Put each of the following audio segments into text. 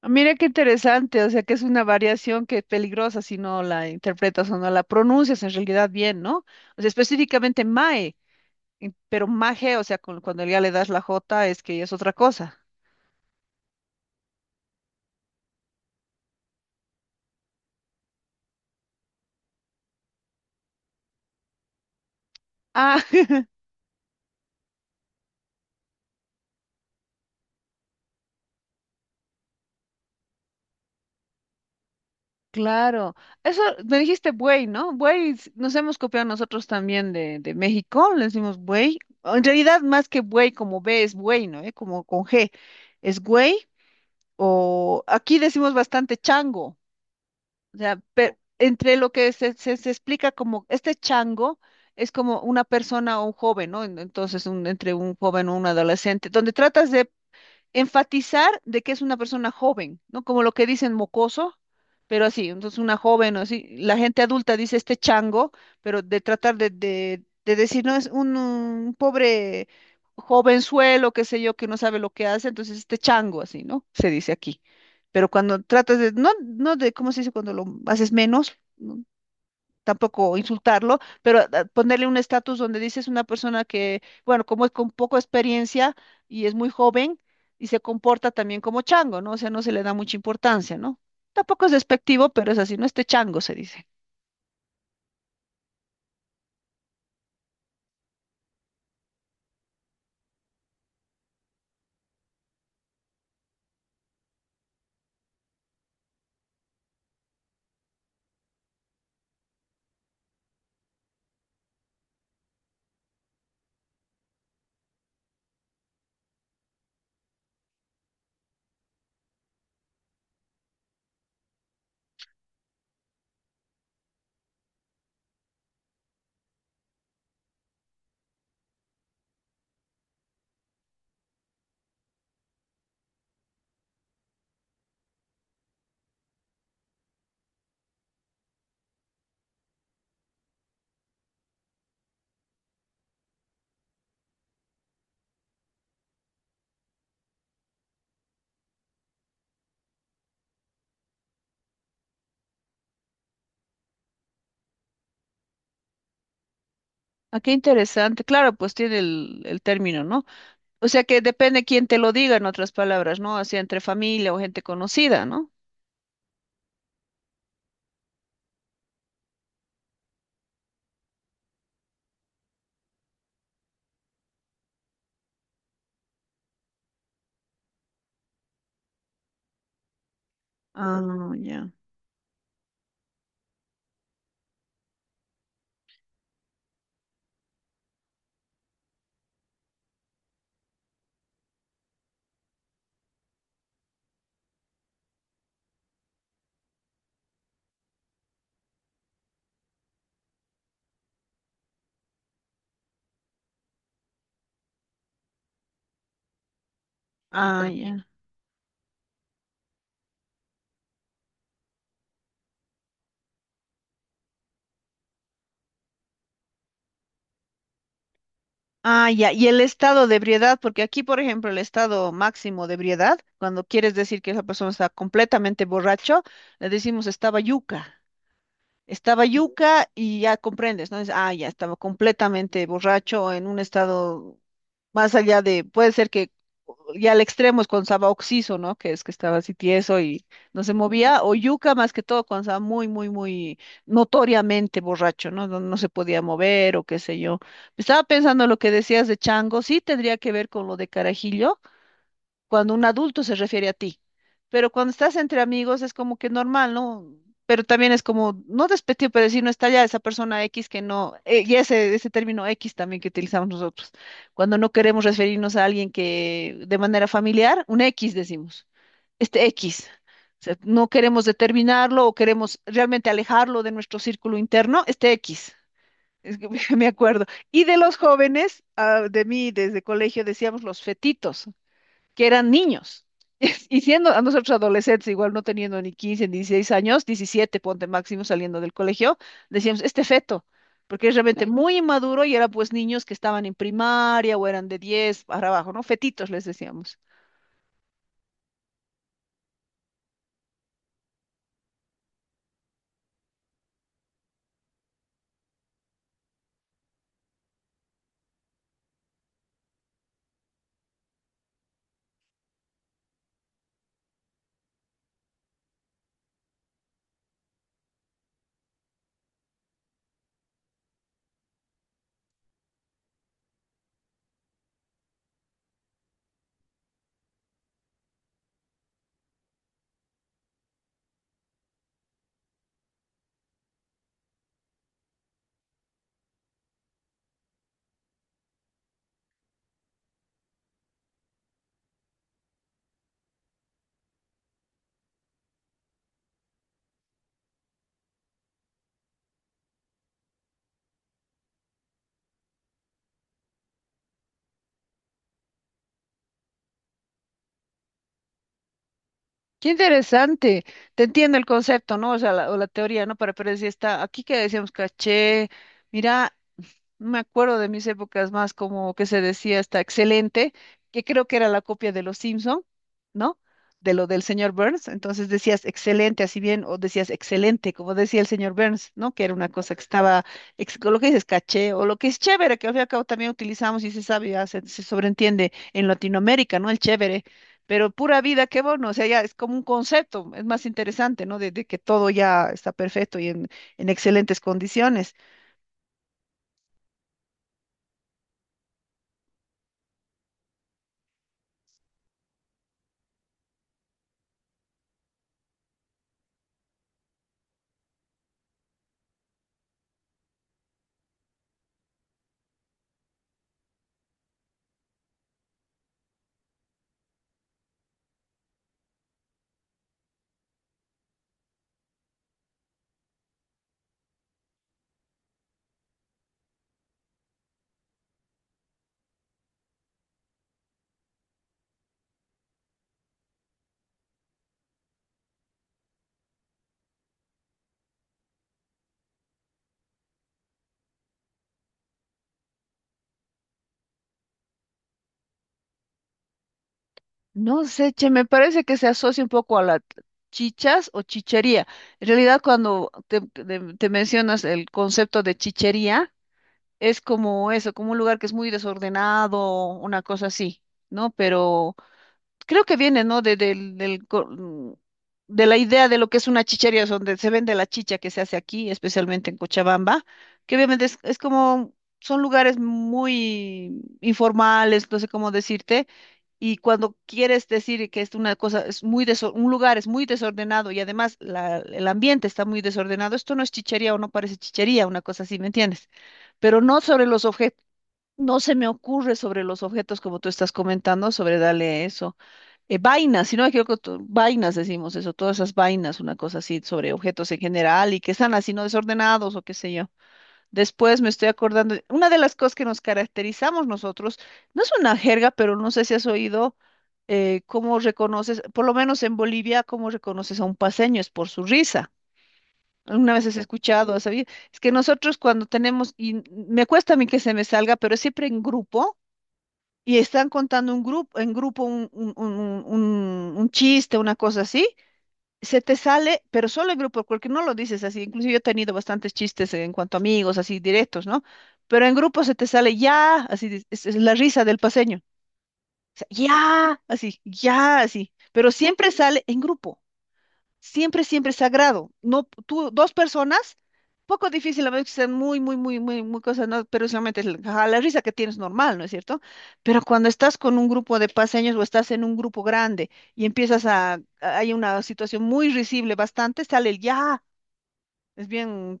Ah, mira qué interesante, o sea que es una variación que es peligrosa si no la interpretas o no la pronuncias en realidad bien, ¿no? O sea, específicamente mae, pero maje, o sea, cuando ya le das la jota es que ya es otra cosa. Ah, claro. Eso me dijiste buey, ¿no? Buey, nos hemos copiado nosotros también de México, le decimos buey. O en realidad, más que buey, como B es buey, ¿no? ¿Eh? Como con G, es güey. O aquí decimos bastante chango. O sea, entre lo que se explica como este chango es como una persona o un joven, ¿no? Entonces, entre un joven o un adolescente, donde tratas de enfatizar de que es una persona joven, ¿no? Como lo que dicen mocoso, pero así, entonces una joven o así, la gente adulta dice este chango, pero de tratar de decir, no, es un, pobre jovenzuelo, qué sé yo, que no sabe lo que hace, entonces este chango, así, ¿no? Se dice aquí. Pero cuando tratas de, no de, ¿cómo se dice? Cuando lo haces menos, ¿no? Tampoco insultarlo, pero ponerle un estatus donde dices una persona que, bueno, como es con poca experiencia y es muy joven y se comporta también como chango, ¿no? O sea, no se le da mucha importancia, ¿no? Tampoco es despectivo, pero es así, no este chango se dice. Ah, qué interesante. Claro, pues tiene el término, ¿no? O sea que depende quién te lo diga, en otras palabras, ¿no? Así entre familia o gente conocida, ¿no? Ah, ya. Ah, ya. Ah, ya, y el estado de ebriedad, porque aquí, por ejemplo, el estado máximo de ebriedad, cuando quieres decir que esa persona está completamente borracho, le decimos estaba yuca. Estaba yuca y ya comprendes, ¿no? Ya estaba completamente borracho en un estado más allá de, puede ser que ya al extremo es cuando estaba oxiso, ¿no? Que es que estaba así tieso y no se movía, o yuca más que todo cuando estaba muy, muy, muy notoriamente borracho, ¿no? No, no se podía mover o qué sé yo. Estaba pensando lo que decías de chango, sí tendría que ver con lo de Carajillo, cuando un adulto se refiere a ti. Pero cuando estás entre amigos es como que normal, ¿no? Pero también es como, no despectivo, pero decir, no está ya esa persona X que no, y ese término X también que utilizamos nosotros. Cuando no queremos referirnos a alguien que de manera familiar, un X decimos, este X. O sea, no queremos determinarlo o queremos realmente alejarlo de nuestro círculo interno, este X. Es que me acuerdo. Y de los jóvenes, de mí desde colegio decíamos los fetitos que eran niños. Y siendo a nosotros adolescentes, igual no teniendo ni 15 ni 16 años, 17 ponte máximo saliendo del colegio, decíamos, este feto, porque es realmente, claro, muy inmaduro y era pues niños que estaban en primaria o eran de 10 para abajo, ¿no? Fetitos les decíamos. Qué interesante, te entiendo el concepto, ¿no? O sea, o la teoría, ¿no? Pero decía, está aquí que decíamos, caché, mira, me acuerdo de mis épocas más como que se decía está excelente, que creo que era la copia de los Simpson, ¿no? De lo del señor Burns. Entonces decías excelente, así bien, o decías excelente, como decía el señor Burns, ¿no? Que era una cosa que estaba, con lo que dices caché, o lo que es chévere, que al fin y al cabo también utilizamos y se sabe, ya se sobreentiende en Latinoamérica, ¿no? El chévere. Pero pura vida, qué bueno, o sea, ya es como un concepto, es más interesante, ¿no? De que todo ya está perfecto y en excelentes condiciones. No sé, che, me parece que se asocia un poco a la chichas o chichería. En realidad, cuando te mencionas el concepto de chichería, es como eso, como un lugar que es muy desordenado, una cosa así, ¿no? Pero creo que viene, ¿no? De, del, del co- mm, De la idea de lo que es una chichería, donde se vende la chicha que se hace aquí, especialmente en Cochabamba, que obviamente es como, son lugares muy informales, no sé cómo decirte, y cuando quieres decir que es una cosa, es muy un lugar es muy desordenado y además el ambiente está muy desordenado, esto no es chichería o no parece chichería, una cosa así, ¿me entiendes? Pero no sobre los objetos. No se me ocurre sobre los objetos como tú estás comentando, sobre darle eso vainas, si no me equivoco, vainas decimos eso, todas esas vainas, una cosa así sobre objetos en general y que están así no desordenados o qué sé yo. Después me estoy acordando, una de las cosas que nos caracterizamos nosotros, no es una jerga, pero no sé si has oído cómo reconoces, por lo menos en Bolivia, cómo reconoces a un paseño, es por su risa. Alguna vez has escuchado, has sabido, es que nosotros cuando tenemos, y me cuesta a mí que se me salga, pero es siempre en grupo y están contando un grupo, en grupo un chiste, una cosa así, se te sale, pero solo en grupo, porque no lo dices así. Incluso yo he tenido bastantes chistes en cuanto a amigos, así directos, ¿no? Pero en grupo se te sale ya, así, dices, es la risa del paseño. O sea, ya, así, ya, así. Pero siempre sale en grupo siempre, siempre sagrado. No, tú, dos personas, poco difícil, a veces que sean muy, muy, muy, muy, muy cosas, ¿no? Pero solamente es la, ajá, la risa que tienes normal, ¿no es cierto? Pero cuando estás con un grupo de paseños o estás en un grupo grande y empiezas hay una situación muy risible, bastante, sale el ya, es bien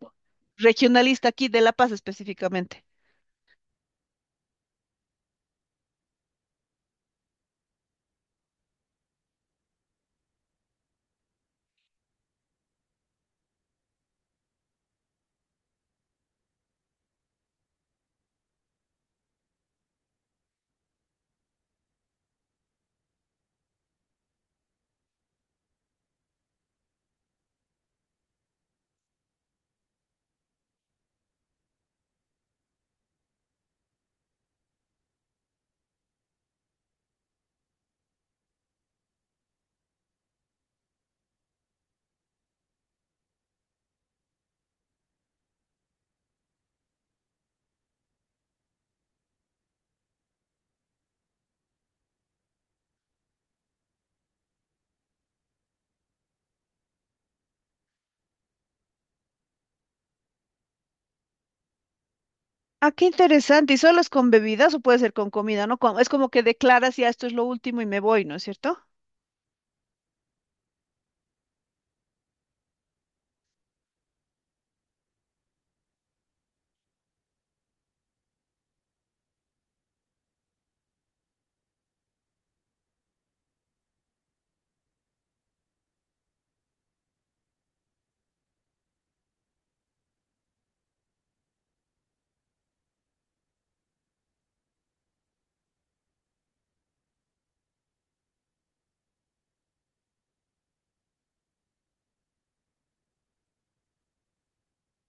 regionalista aquí de La Paz específicamente. Ah, qué interesante. ¿Y solo es con bebidas o puede ser con comida, no? Es como que declaras ya esto es lo último y me voy, ¿no es cierto?